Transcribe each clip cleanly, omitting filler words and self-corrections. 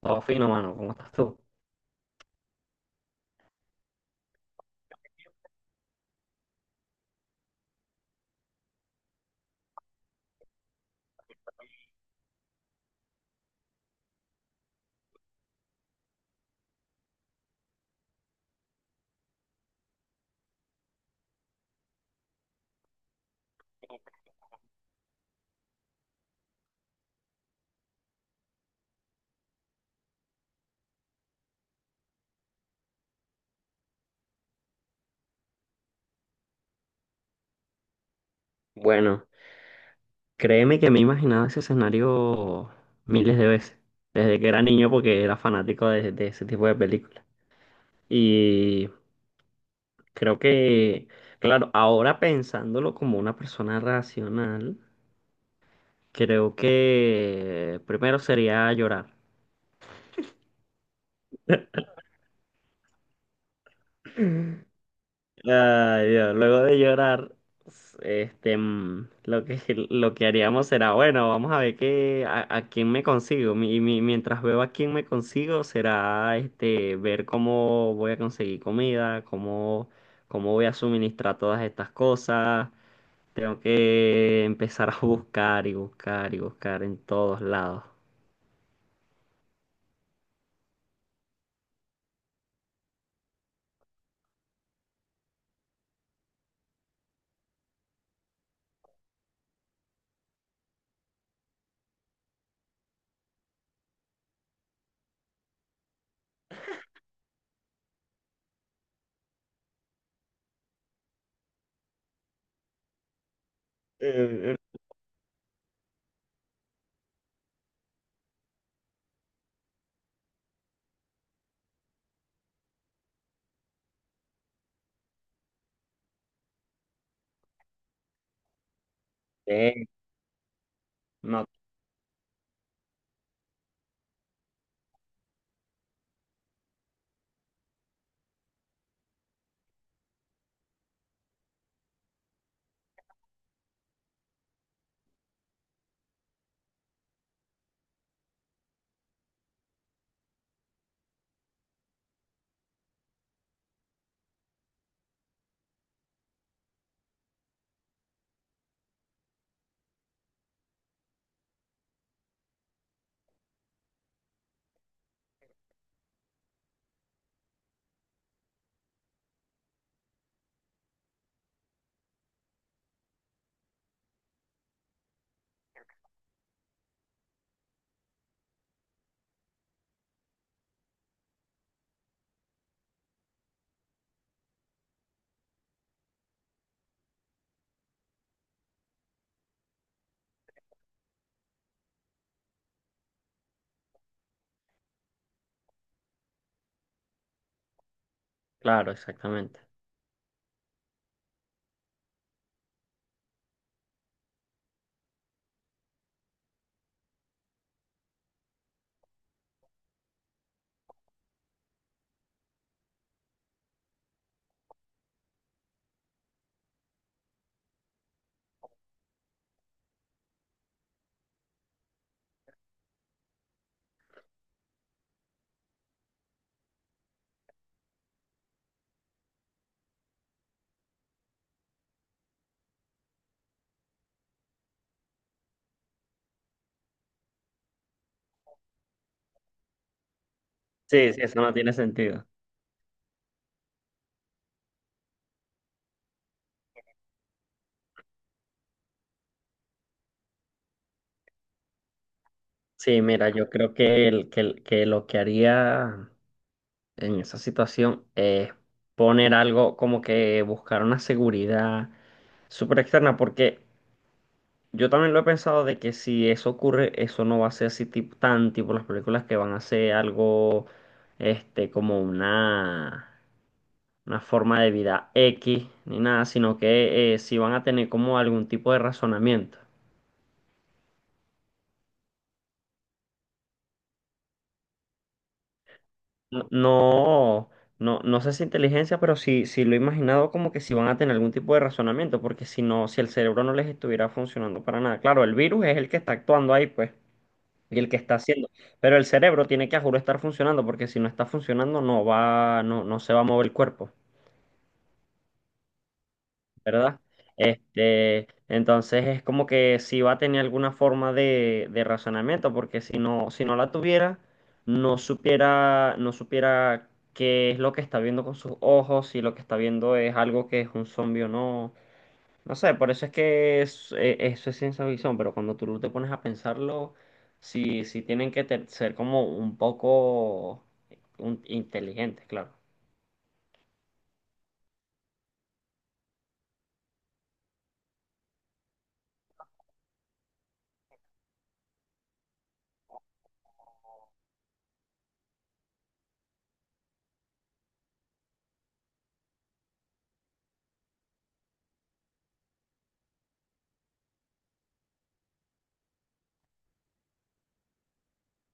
Todo fino, mano. ¿Cómo estás tú? Bueno, créeme que me he imaginado ese escenario miles de veces, desde que era niño porque era fanático de ese tipo de películas. Y creo que, claro, ahora pensándolo como una persona racional, creo que primero sería llorar. Ay, Dios, luego de llorar, este, mm, lo que, lo que haríamos será, bueno, vamos a ver a quién me consigo. Mientras veo a quién me consigo, será, este, ver cómo voy a conseguir comida, cómo, cómo voy a suministrar todas estas cosas. Tengo que empezar a buscar y buscar y buscar en todos lados. Eh, eh, eh, no, claro, exactamente. Sí, sí, eso no tiene sentido. Sí, mira, yo creo que lo que haría en esa situación es poner algo como que buscar una seguridad súper externa, porque yo también lo he pensado de que si eso ocurre, eso no va a ser así tan tipo las películas, que van a ser algo este, como una forma de vida X ni nada, sino que sí van a tener como algún tipo de razonamiento. No, no, no sé si inteligencia, pero sí, sí lo he imaginado como que si van a tener algún tipo de razonamiento, porque si no, si el cerebro no les estuviera funcionando para nada. Claro, el virus es el que está actuando ahí, pues, y el que está haciendo, pero el cerebro tiene que a juro estar funcionando, porque si no está funcionando, no va, no, no se va a mover el cuerpo. ¿Verdad? Este, entonces es como que si va a tener alguna forma de razonamiento, porque si no, si no la tuviera, no supiera, no supiera qué es lo que está viendo con sus ojos, si lo que está viendo es algo que es un zombie o no. No sé, por eso es que eso es ciencia ficción, pero cuando tú te pones a pensarlo, sí, sí tienen que ser como un poco inteligentes, claro.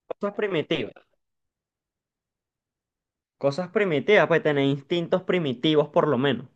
Cosas primitivas, cosas primitivas, pues tener instintos primitivos por lo menos.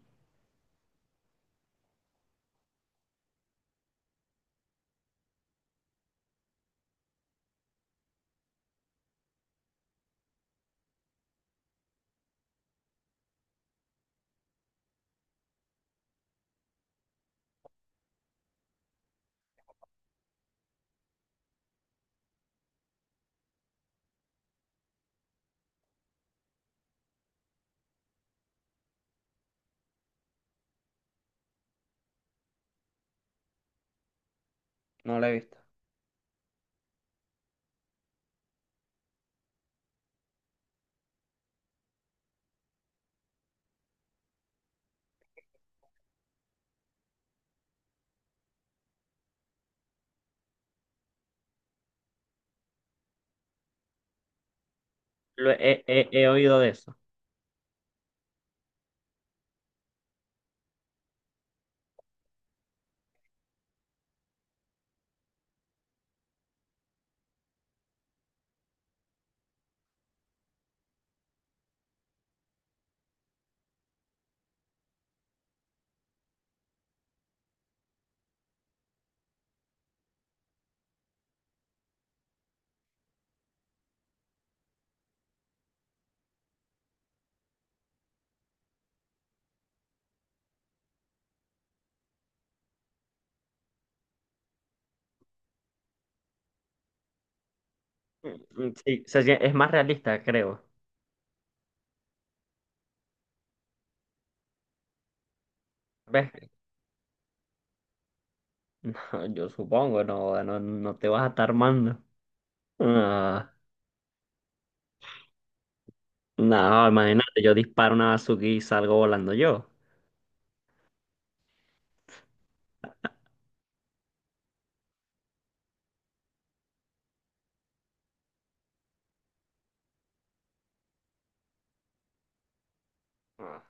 No la he visto. He oído de eso. Sí, es más realista, creo. ¿Ves? No, yo supongo, no, no, no te vas a estar armando. Ah, no, imagínate, yo disparo una bazooka y salgo volando yo. Ah,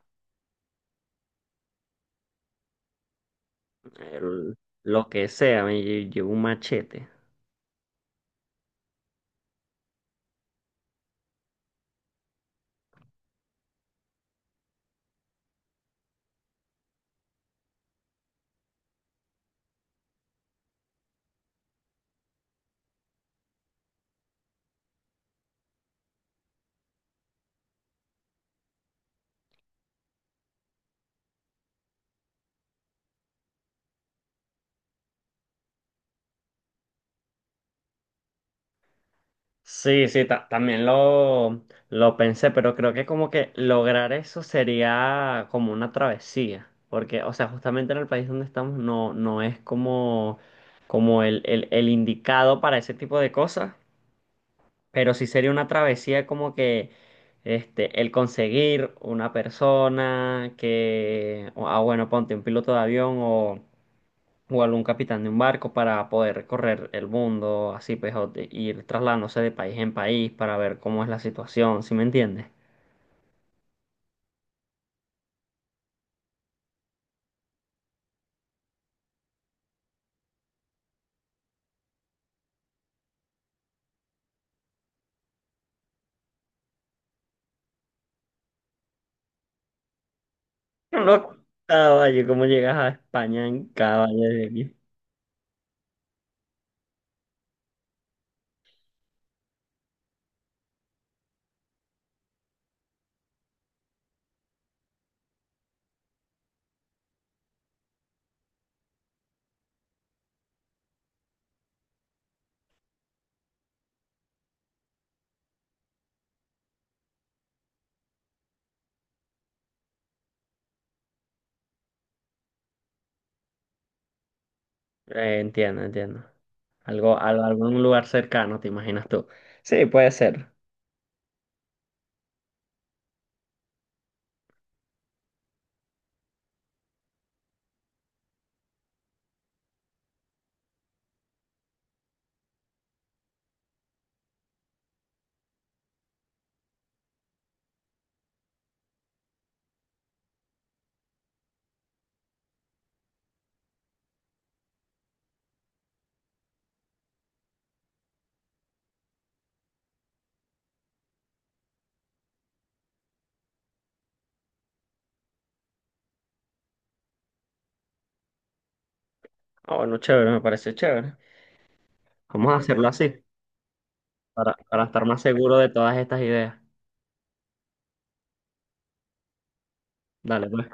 el- lo que sea, llevo un machete. Sí, sí, también lo pensé, pero creo que como que lograr eso sería como una travesía, porque, o sea, justamente en el país donde estamos no, no es como, como el indicado para ese tipo de cosas, pero sí sería una travesía como que este, el conseguir una persona que, ah, bueno, ponte un piloto de avión o algún capitán de un barco para poder recorrer el mundo, así pues, ir trasladándose de país en país para ver cómo es la situación, ¿sí me entiendes? No, lo caballo, cómo llegas a España en caballo de aquí. Entiendo, entiendo. Algo, algún lugar cercano, ¿te imaginas tú? Sí, puede ser. Ah, bueno, chévere, me parece chévere. Vamos a hacerlo así, para estar más seguro de todas estas ideas. Dale, pues.